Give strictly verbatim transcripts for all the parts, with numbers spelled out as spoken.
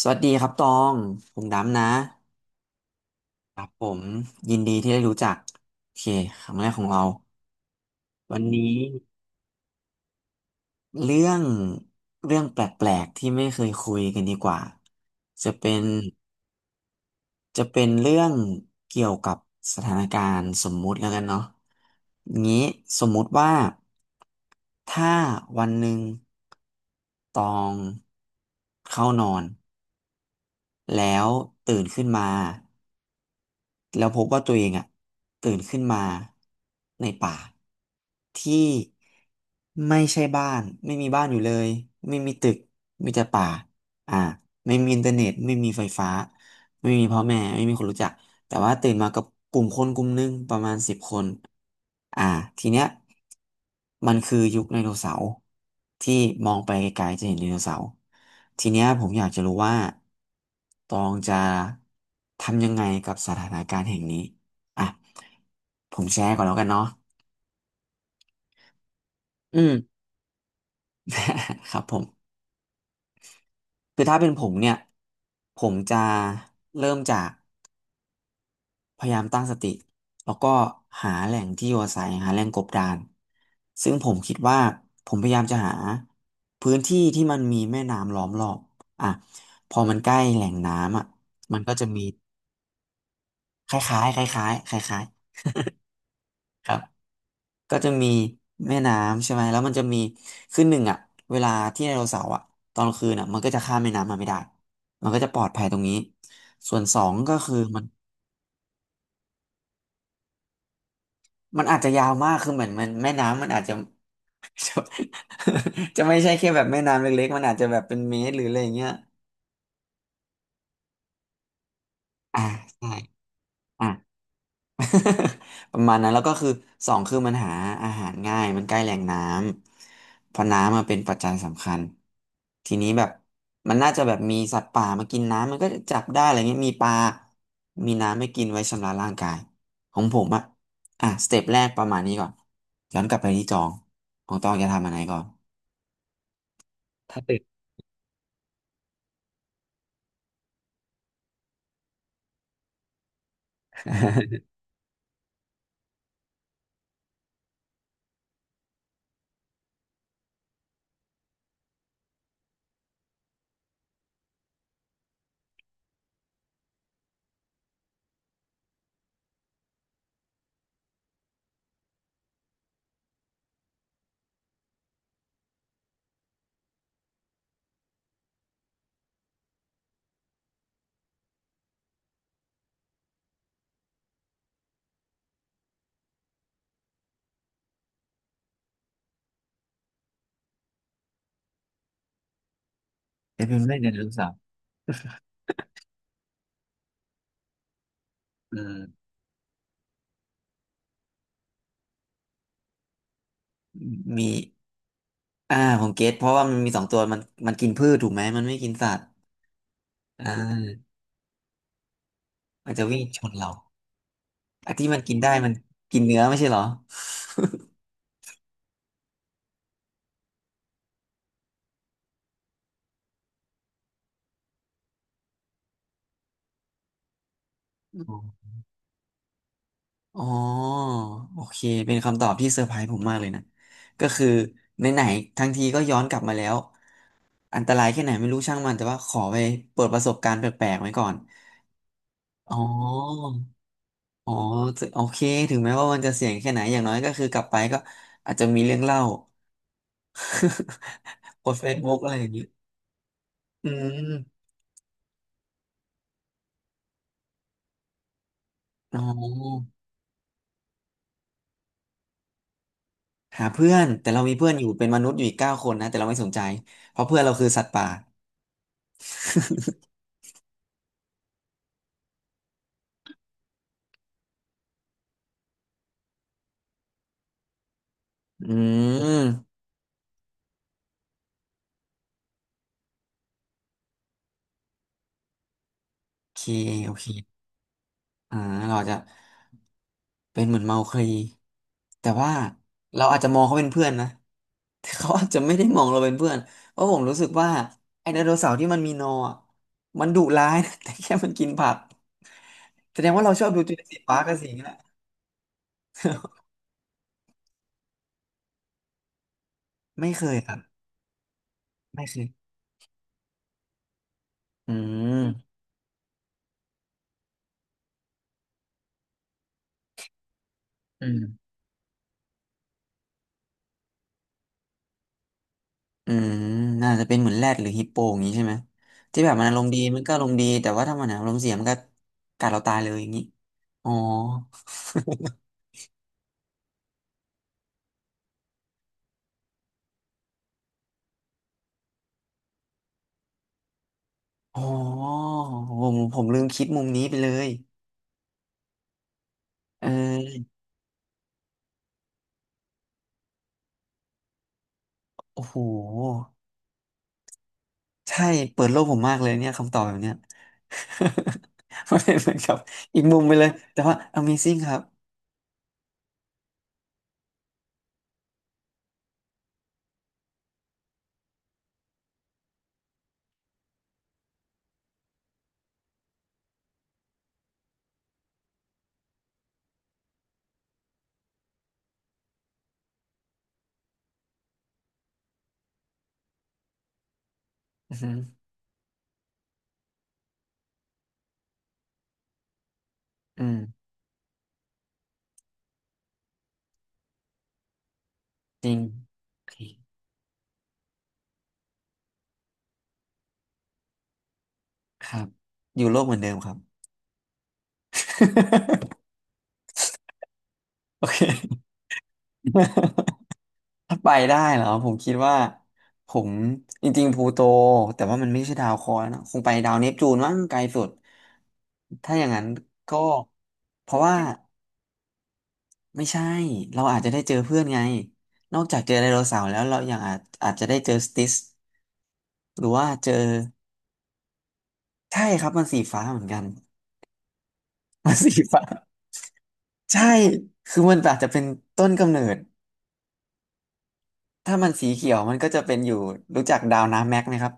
สวัสดีครับตอง ผมดำนะครับผมยินดีที่ได้รู้จักโอเคครั้งแรกของเราวันนี้เรื่องเรื่องแปลกๆที่ไม่เคยคุยกันดีกว่าจะเป็นจะเป็นเรื่องเกี่ยวกับสถานการณ์สมมุติแล้วกันเนาะงี้สมมุติว่าถ้าวันหนึ่งตองเข้านอนแล้วตื่นขึ้นมา แล้วพบว่าตัวเองอะตื่นขึ้นมาในป่าที่ไม่ใช่บ้านไม่มีบ้านอยู่เลยไม่มีตึกมีแต่ป่าอ่าไม่มีอินเทอร์เน็ตไม่มีไฟฟ้าไม่มีพ่อแม่ไม่มีคนรู้จักแต่ว่าตื่นมากับกลุ่มคนกลุ่มหนึงประมาณสิบคน อ่าทีเนี้ยมันคือยุคไดโนเสาร์ที่มองไปไกลๆจะเห็นไดโนเสาร์ทีเนี้ยผมอยากจะรู้ว่าตองจะทำยังไงกับสถานการณ์แห่งนี้อ่ะผมแชร์ก่อนแล้วกันเนาะอืม ครับผมคือถ้าเป็นผมเนี่ยผมจะเริ่มจาก พยายามตั้งสติแล้วก็หาแหล่งที่อยู่อาศัยหาแหล่งกบดานซึ่งผมคิดว่าผมพยายามจะหาพื้นที่ที่มันมีแม่น้ำล้อมรอบอ่ะพอมันใกล้แหล่งน้ำอ่ะมันก็จะมีคล้ายๆคล้ายๆคล้ายๆครับก็จะมีแม่น้ำใช่ไหมแล้วมันจะมีคือหนึ่งอ่ะเวลาที่ไดโนเสาร์อ่ะตอนกลางคืนอ่ะมันก็จะข้ามแม่น้ำมาไม่ได้มันก็จะปลอดภัยตรงนี้ส่วนสองก็คือมัน มันอาจจะยาวมากคือเหมือนมันแม่น้ำมันอาจจะ จะจะไม่ใช่แค่แบบแม่น้ำเล็กๆมันอาจจะแบบเป็นเมตรหรืออะไรอย่างเงี้ยอ่าใช่อ่ะ ประมาณนั้นแล้วก็คือสองคือมันหาอาหารง่ายมันใกล้แหล่งน้ำเพราะน้ำมาเป็นปัจจัยสำคัญทีนี้แบบมันน่าจะแบบมีสัตว์ป่ามากินน้ำมันก็จะจับได้อะไรเงี้ยมีปลามีน้ำให้กินไว้ชำระร่างกายของผมอะอ่ะสเต็ปแรกประมาณนี้ก่อนย้อนกลับไปที่ตองของตองจะทำอะไรก่อน ถ้าติด จะเป็นไม่เนไดโนเสาร์เออมีอ่าผมเก็ตเพราะว่ามันมีสองตัวมันมันกินพืชถูกไหมมันไม่กินสัตว์อ่ามันจะวิ่งชนเราไอ้ที่มันกินได้มันกินเนื้อไม่ใช่เหรออ๋ออ๋อโอเคเป็นคำตอบที่เซอร์ไพรส์ผมมากเลยนะก็คือไหนๆทั้งทีก็ย้อนกลับมาแล้วอันตรายแค่ไหนไม่รู้ช่างมันแต่ว่าขอไปเปิดประสบการณ์แปลกๆไว้ก่อนอ๋อ อ๋อถึงโอเคถึงแม้ว่ามันจะเสี่ยงแค่ไหนอย่างน้อยก็คือกลับไปก็อาจจะมีเรื่องเล่า โพสเฟซบุ๊กอะไรอย่างนี้อืมอ๋อหาเพื่อนแต่เรามีเพื่อนอยู่เป็นมนุษย์อยู่อีกเก้าคนนะแต่เราไม่สนใจเพราะเพื่อนเราคือสัตว์ป่าอืมโอเคโอเค อ่าเราอาจจะเป็นเหมือนเมาคลีแต่ว่าเราอาจจะมองเขาเป็นเพื่อนนะแต่เขาอาจจะไม่ได้มองเราเป็นเพื่อนเพราะผมรู้สึกว่าไอ้ไดโนเสาร์ที่มันมีนออะมันดุร้ายนะ แต่แค่มันกินผักแสดงว่าเราชอบดูจูราสสิคพาร์กกับสิ่งนี้แหละ ไม่เคยครับไม่เคยอืมอืมอืมน่าจะเป็นเหมือนแรดหรือฮิปโปอย่างนี้ใช่ไหมที่แบบมันอารมณ์ดีมันก็อารมณ์ดีแต่ว่าถ้ามันอารมณ์เสียมันก็กัดเราตายเลยอย่างนี้อ๋อ อ๋อผมผมลืมคิดมุมนี้ไปเลยเออโอ้โหใช่เปิดโลกผมมากเลยเนี่ยคำตอบแบบเนี้ย มันเป็นเหมือนกับอีกมุมไปเลยแต่ว่า Amazing ครับอือหืออืมจริงโอเคครับอยู่โลกเหมือนเดิมครับ โอเค ถ้าไปได้เหรอผมคิดว่าผมจริงๆพลูโตแต่ว่ามันไม่ใช่ดาวเคราะห์นะคงไปดาวเนปจูนมั้งไกลสุดถ้าอย่างนั้นก็เพราะว่าไม่ใช่เราอาจจะได้เจอเพื่อนไงนอกจากเจอไดโนเสาร์แล้วเรายังอาจอาจจะได้เจอสติสหรือว่าเจอใช่ครับมันสีฟ้าเหมือนกัน มันสีฟ้าใช่คือมันอาจจะเป็นต้นกำเนิดถ้ามันสีเขียวมันก็จะเป็นอยู่รู้จักดาวน้ำแม็กไหมครับ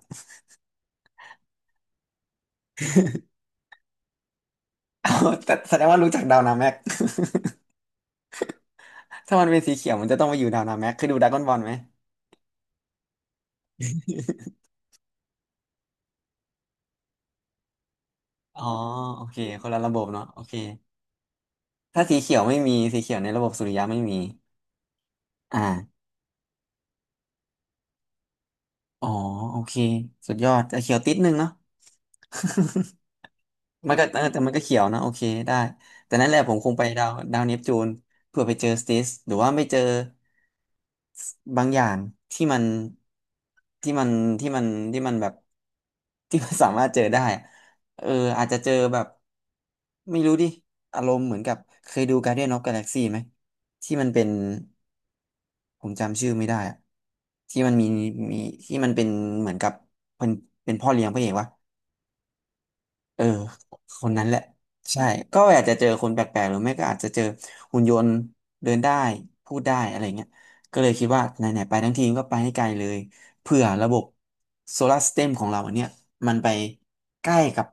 เอาแต่แสดงว่ารู้จักดาวนาแม็ก ถ้ามันเป็นสีเขียวมันจะต้องมาอยู่ดาวนาแม็กเคือดูดราก้อนบอลไหม อ๋อโอเคคนละระบบเนาะโอเคถ้าสีเขียวไม่มีสีเขียวในระบบสุริยะไม่มีอ่าอ๋อโอเคสุดยอดจะเขียวติดนึงเนาะ มันก็เออแต่มันก็เขียวนะโอเคได้แต่นั่นแหละผมคงไปดาวดาวเนปจูนเพื่อไปเจอสติสหรือว่าไม่เจอบางอย่างที่มันที่มันที่มันที่มันแบบที่มันสามารถเจอได้อะเอออาจจะเจอแบบไม่รู้ดิอารมณ์เหมือนกับเคยดู การ์เดียน ออฟ กาแล็กซี่ ไหมที่มันเป็นผมจำชื่อไม่ได้อะที่มันมีมีที่มันเป็นเหมือนกับเป็นเป็นพ่อเลี้ยงพระเอกวะ เออคนนั้นแหละใช่ก็อาจจะเจอคนแปลกๆหรือไม่ก็อาจจะเจอหุ่นยนต์เดินได้พูดได้อะไรเงี้ยก็เลยคิดว่าไหนๆไปทั้งทีก็ไปให้ไกลเลยเผื่อระบบโซลาร์ส y ต e มของเราอันเนี้ยมันไปใกล้กับ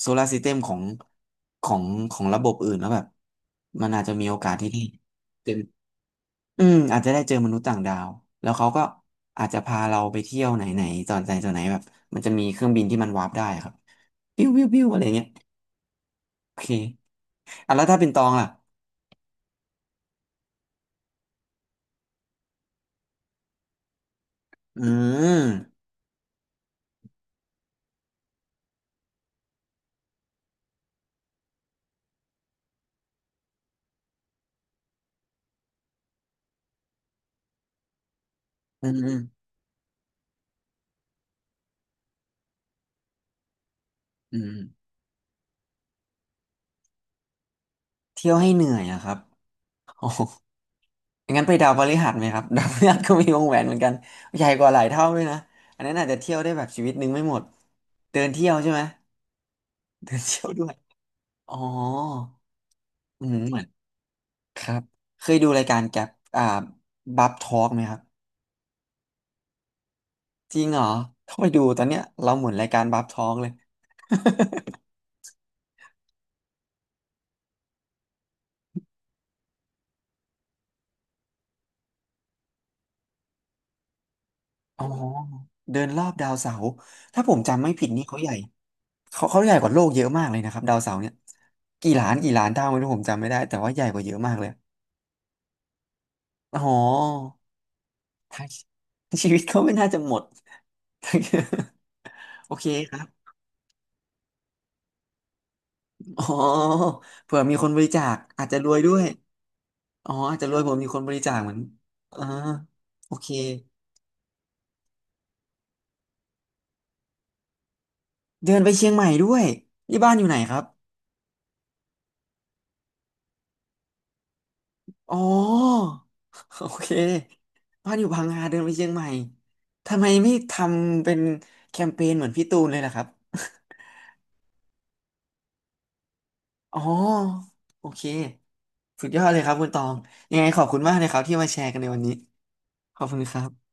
โซลาร์ส y ต e มของของของระบบอื่นแล้วแบบมันอาจจะมีโอกาสที่ได้ อืมอาจจะได้เจอมนุษย์ต่างดาวแล้วเขาก็อาจจะพาเราไปเที่ยวไหนไหนตอนไหนตอนไหนแบบมันจะมีเครื่องบินที่มันวาร์ปได้ครับปิ้วปิ้วปิ้วอะไรเงี้ยโอเคอ่ะแล้วถ้าเป็นตองล่ะอืมอืมอืมอืมเที่ยวให้เหนื่อยอะครับโอ้โหงั้นไปดาวพฤหัสไหมครับ ดาวพฤหัสก็มีวงแหวนเหมือนกันใหญ่กว่าหลายเท่าด้วยนะอันนั้นอาจจะเที่ยวได้แบบชีวิตนึงไม่หมดเดินเที่ยวใช่ไหมเดินเที่ยวด้วยอ๋ออืมเหมือน ครับเคยดูรายการแกบอ่าบับทอล์กไหมครับจริงเหรอต้องไปดูตอนเนี้ยเราหมุนรายการบับทอล์กเลย อ๋อเดินรอบดาวเสาร์ถ้าผมจำไม่ผิดนี่เขาใหญ่เขาเขาใหญ่กว่าโลกเยอะมากเลยนะครับดาวเสาร์เนี่ยกี่ล้านกี่ล้านเท่าไม่รู้ผมจำไม่ได้แต่ว่าใหญ่กว่าเยอะมากเลยอ๋อทั้ง ชีวิตเขาไม่น่าจะหมด โอเคครับอ๋อเผื่อมีคนบริจาคอาจจะรวยด้วยอ๋ออาจจะรวยผมมีคนบริจาคเหมือนอ่าโอเค เดินไปเชียงใหม่ด้วยนี่บ้านอยู่ไหนครับอ๋อ โอเคบ้านอยู่พังงาเดินไปเชียงใหม่ทำไมไม่ทำเป็นแคมเปญเหมือนพี่ตูนเลยล่ะครับ อ๋อโอเคสุดยอดเลยครับคุณตองยังไงขอบคุณมากเลยครับที่มาแชร์กันในวันนี้ขอบคุณครับ